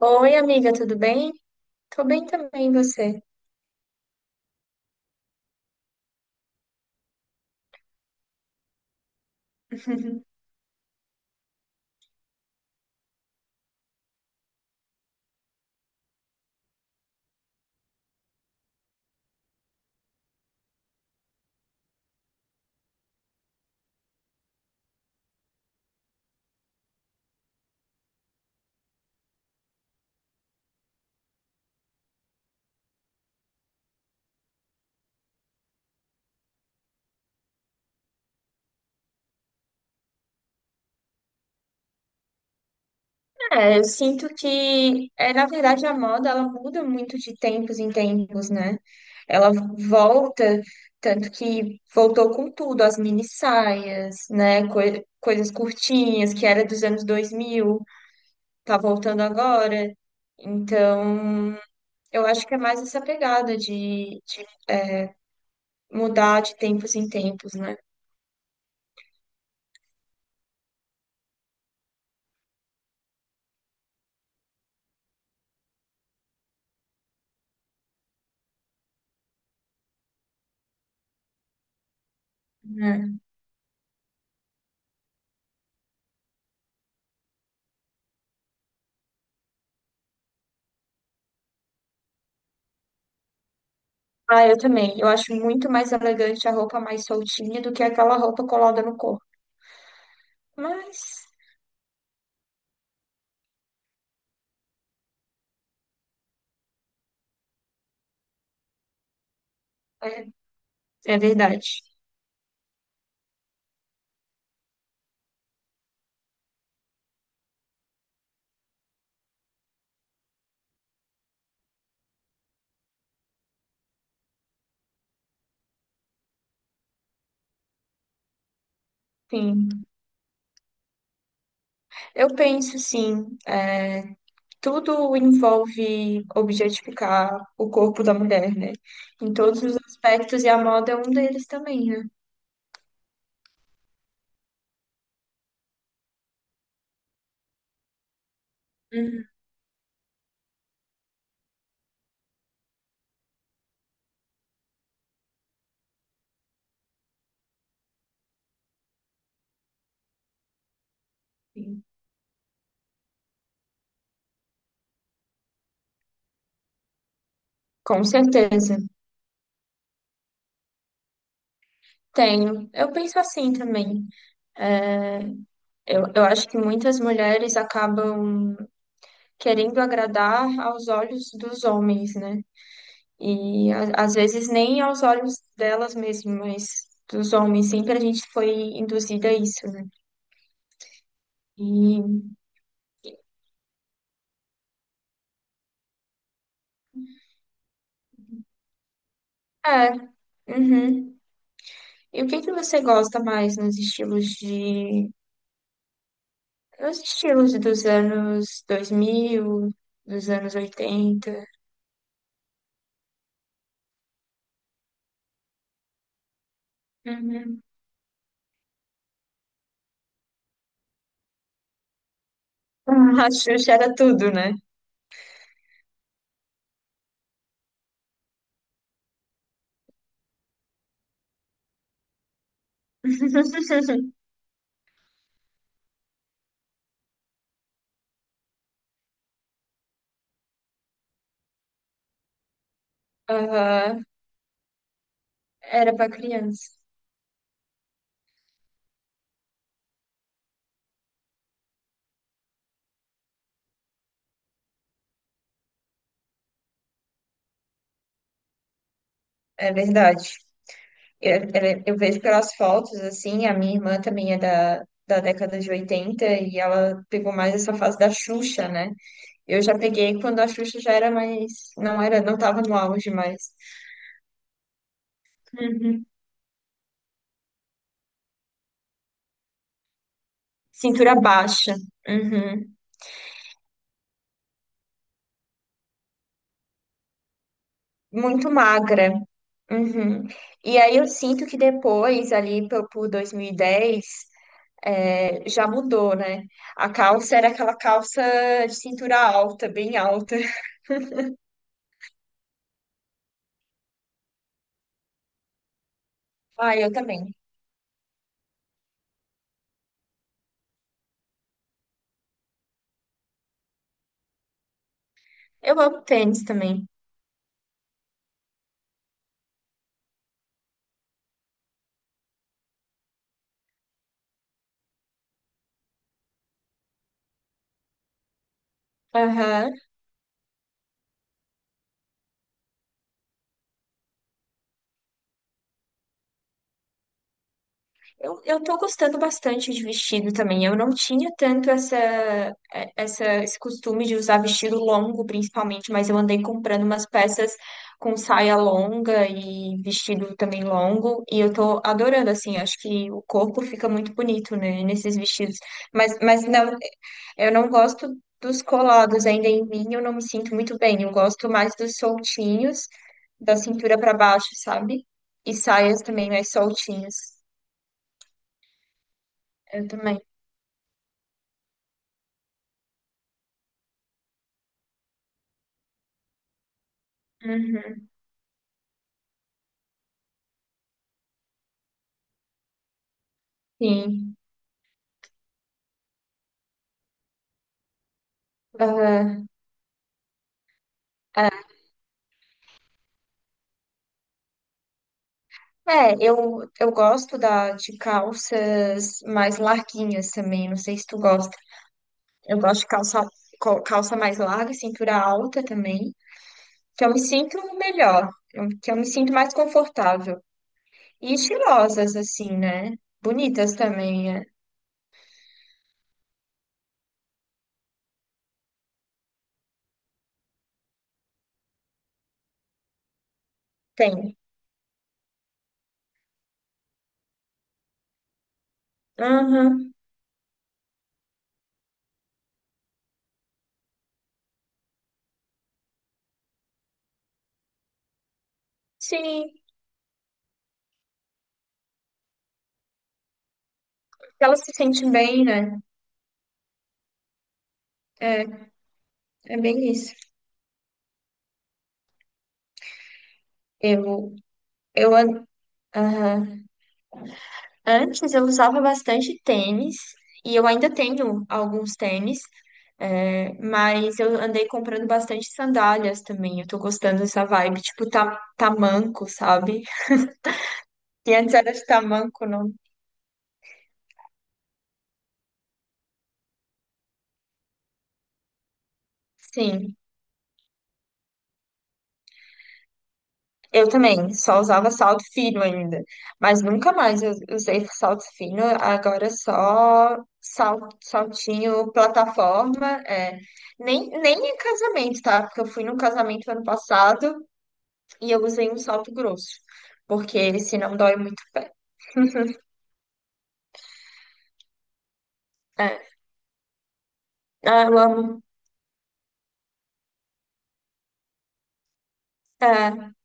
Oi, amiga, tudo bem? Tô bem também, e você? É, eu sinto que, é, na verdade, a moda ela muda muito de tempos em tempos, né? Ela volta, tanto que voltou com tudo, as mini saias, né? Coisas curtinhas, que era dos anos 2000 tá voltando agora. Então, eu acho que é mais essa pegada de mudar de tempos em tempos, né? Ah, eu também. Eu acho muito mais elegante a roupa mais soltinha do que aquela roupa colada no corpo. Mas é, é verdade. Sim. Eu penso, sim, é, tudo envolve objetificar o corpo da mulher, né? Em todos os aspectos, e a moda é um deles também, né? Uhum. Sim. Com certeza. Tenho. Eu penso assim também. Eu acho que muitas mulheres acabam querendo agradar aos olhos dos homens, né? E às vezes nem aos olhos delas mesmo, mas dos homens. Sempre a gente foi induzida a isso, né? E é, uhum. E o que que você gosta mais nos estilos dos anos 2000, dos anos 80? Uhum. A Xuxa era tudo, né? Aham, era pra criança. É verdade. Eu vejo pelas fotos, assim, a minha irmã também é da década de 80 e ela pegou mais essa fase da Xuxa, né? Eu já peguei quando a Xuxa já era mais, não tava no auge mais. Uhum. Cintura baixa, uhum. Muito magra, uhum. E aí eu sinto que depois, ali por 2010, é, já mudou, né? A calça era aquela calça de cintura alta, bem alta. Ah, eu também. Eu amo tênis também. Aham. Eu tô gostando bastante de vestido também. Eu não tinha tanto esse costume de usar vestido longo, principalmente, mas eu andei comprando umas peças com saia longa e vestido também longo, e eu tô adorando, assim, acho que o corpo fica muito bonito, né, nesses vestidos. Mas não, eu não gosto dos colados ainda em mim, eu não me sinto muito bem. Eu gosto mais dos soltinhos, da cintura para baixo, sabe? E saias também mais soltinhas. Eu também. Uhum, sim. Aham. É, eu gosto de calças mais larguinhas também. Não sei se tu gosta. Eu gosto de calça, calça mais larga, cintura alta também. Que eu me sinto melhor. Que eu me sinto mais confortável. E estilosas, assim, né? Bonitas também, é. Tem. Aham. Sim. Elas se sentem bem, né? É, é bem isso. Eu, eu, an- aham. Antes eu usava bastante tênis e eu ainda tenho alguns tênis, é, mas eu andei comprando bastante sandálias também. Eu tô gostando dessa vibe, tipo ta tamanco, sabe? Que antes era de tamanco, não. Sim, eu também, só usava salto fino ainda, mas nunca mais eu usei salto fino, agora é só saltinho plataforma, é. Nem em casamento, tá? Porque eu fui num casamento ano passado. E eu usei um salto grosso, porque senão dói muito o pé. É. Ah, eu amo. É.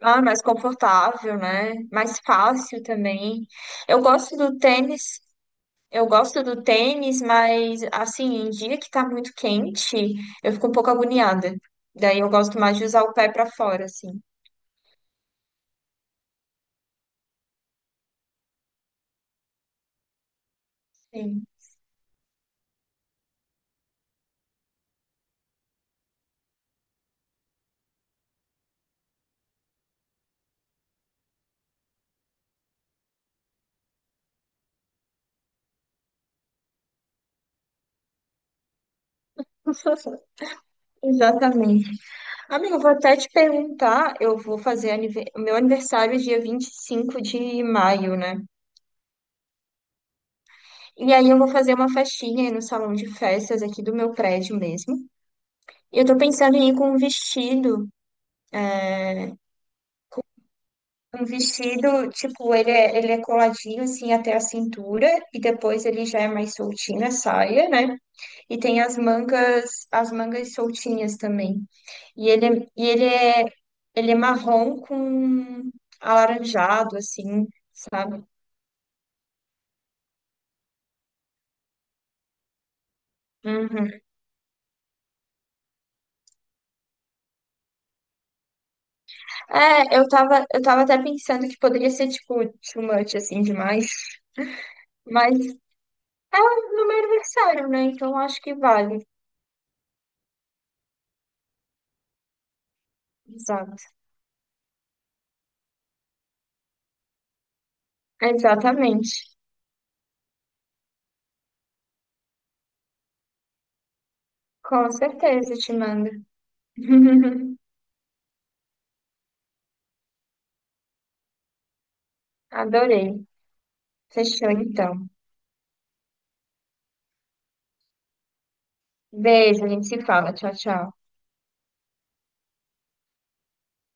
Ah, mais confortável, né? Mais fácil também. Eu gosto do tênis. Eu gosto do tênis, mas assim, em dia que tá muito quente, eu fico um pouco agoniada. Daí eu gosto mais de usar o pé pra fora, assim. Sim. Exatamente. Amigo, eu vou até te perguntar, eu vou o meu aniversário é dia 25 de maio, né? E aí eu vou fazer uma festinha aí no salão de festas aqui do meu prédio mesmo. E eu tô pensando em ir com um vestido. Um vestido, tipo, ele é coladinho assim até a cintura e depois ele já é mais soltinho a saia, né? E tem as mangas soltinhas também. E ele é marrom com alaranjado assim. Sabe? Uhum. É, eu tava até pensando que poderia ser, tipo, too much, assim, demais. Mas é no meu aniversário, né? Então acho que vale. Exato. Exatamente. Com certeza te mando. Adorei. Fechou então. Beijo, a gente se fala. Tchau, tchau.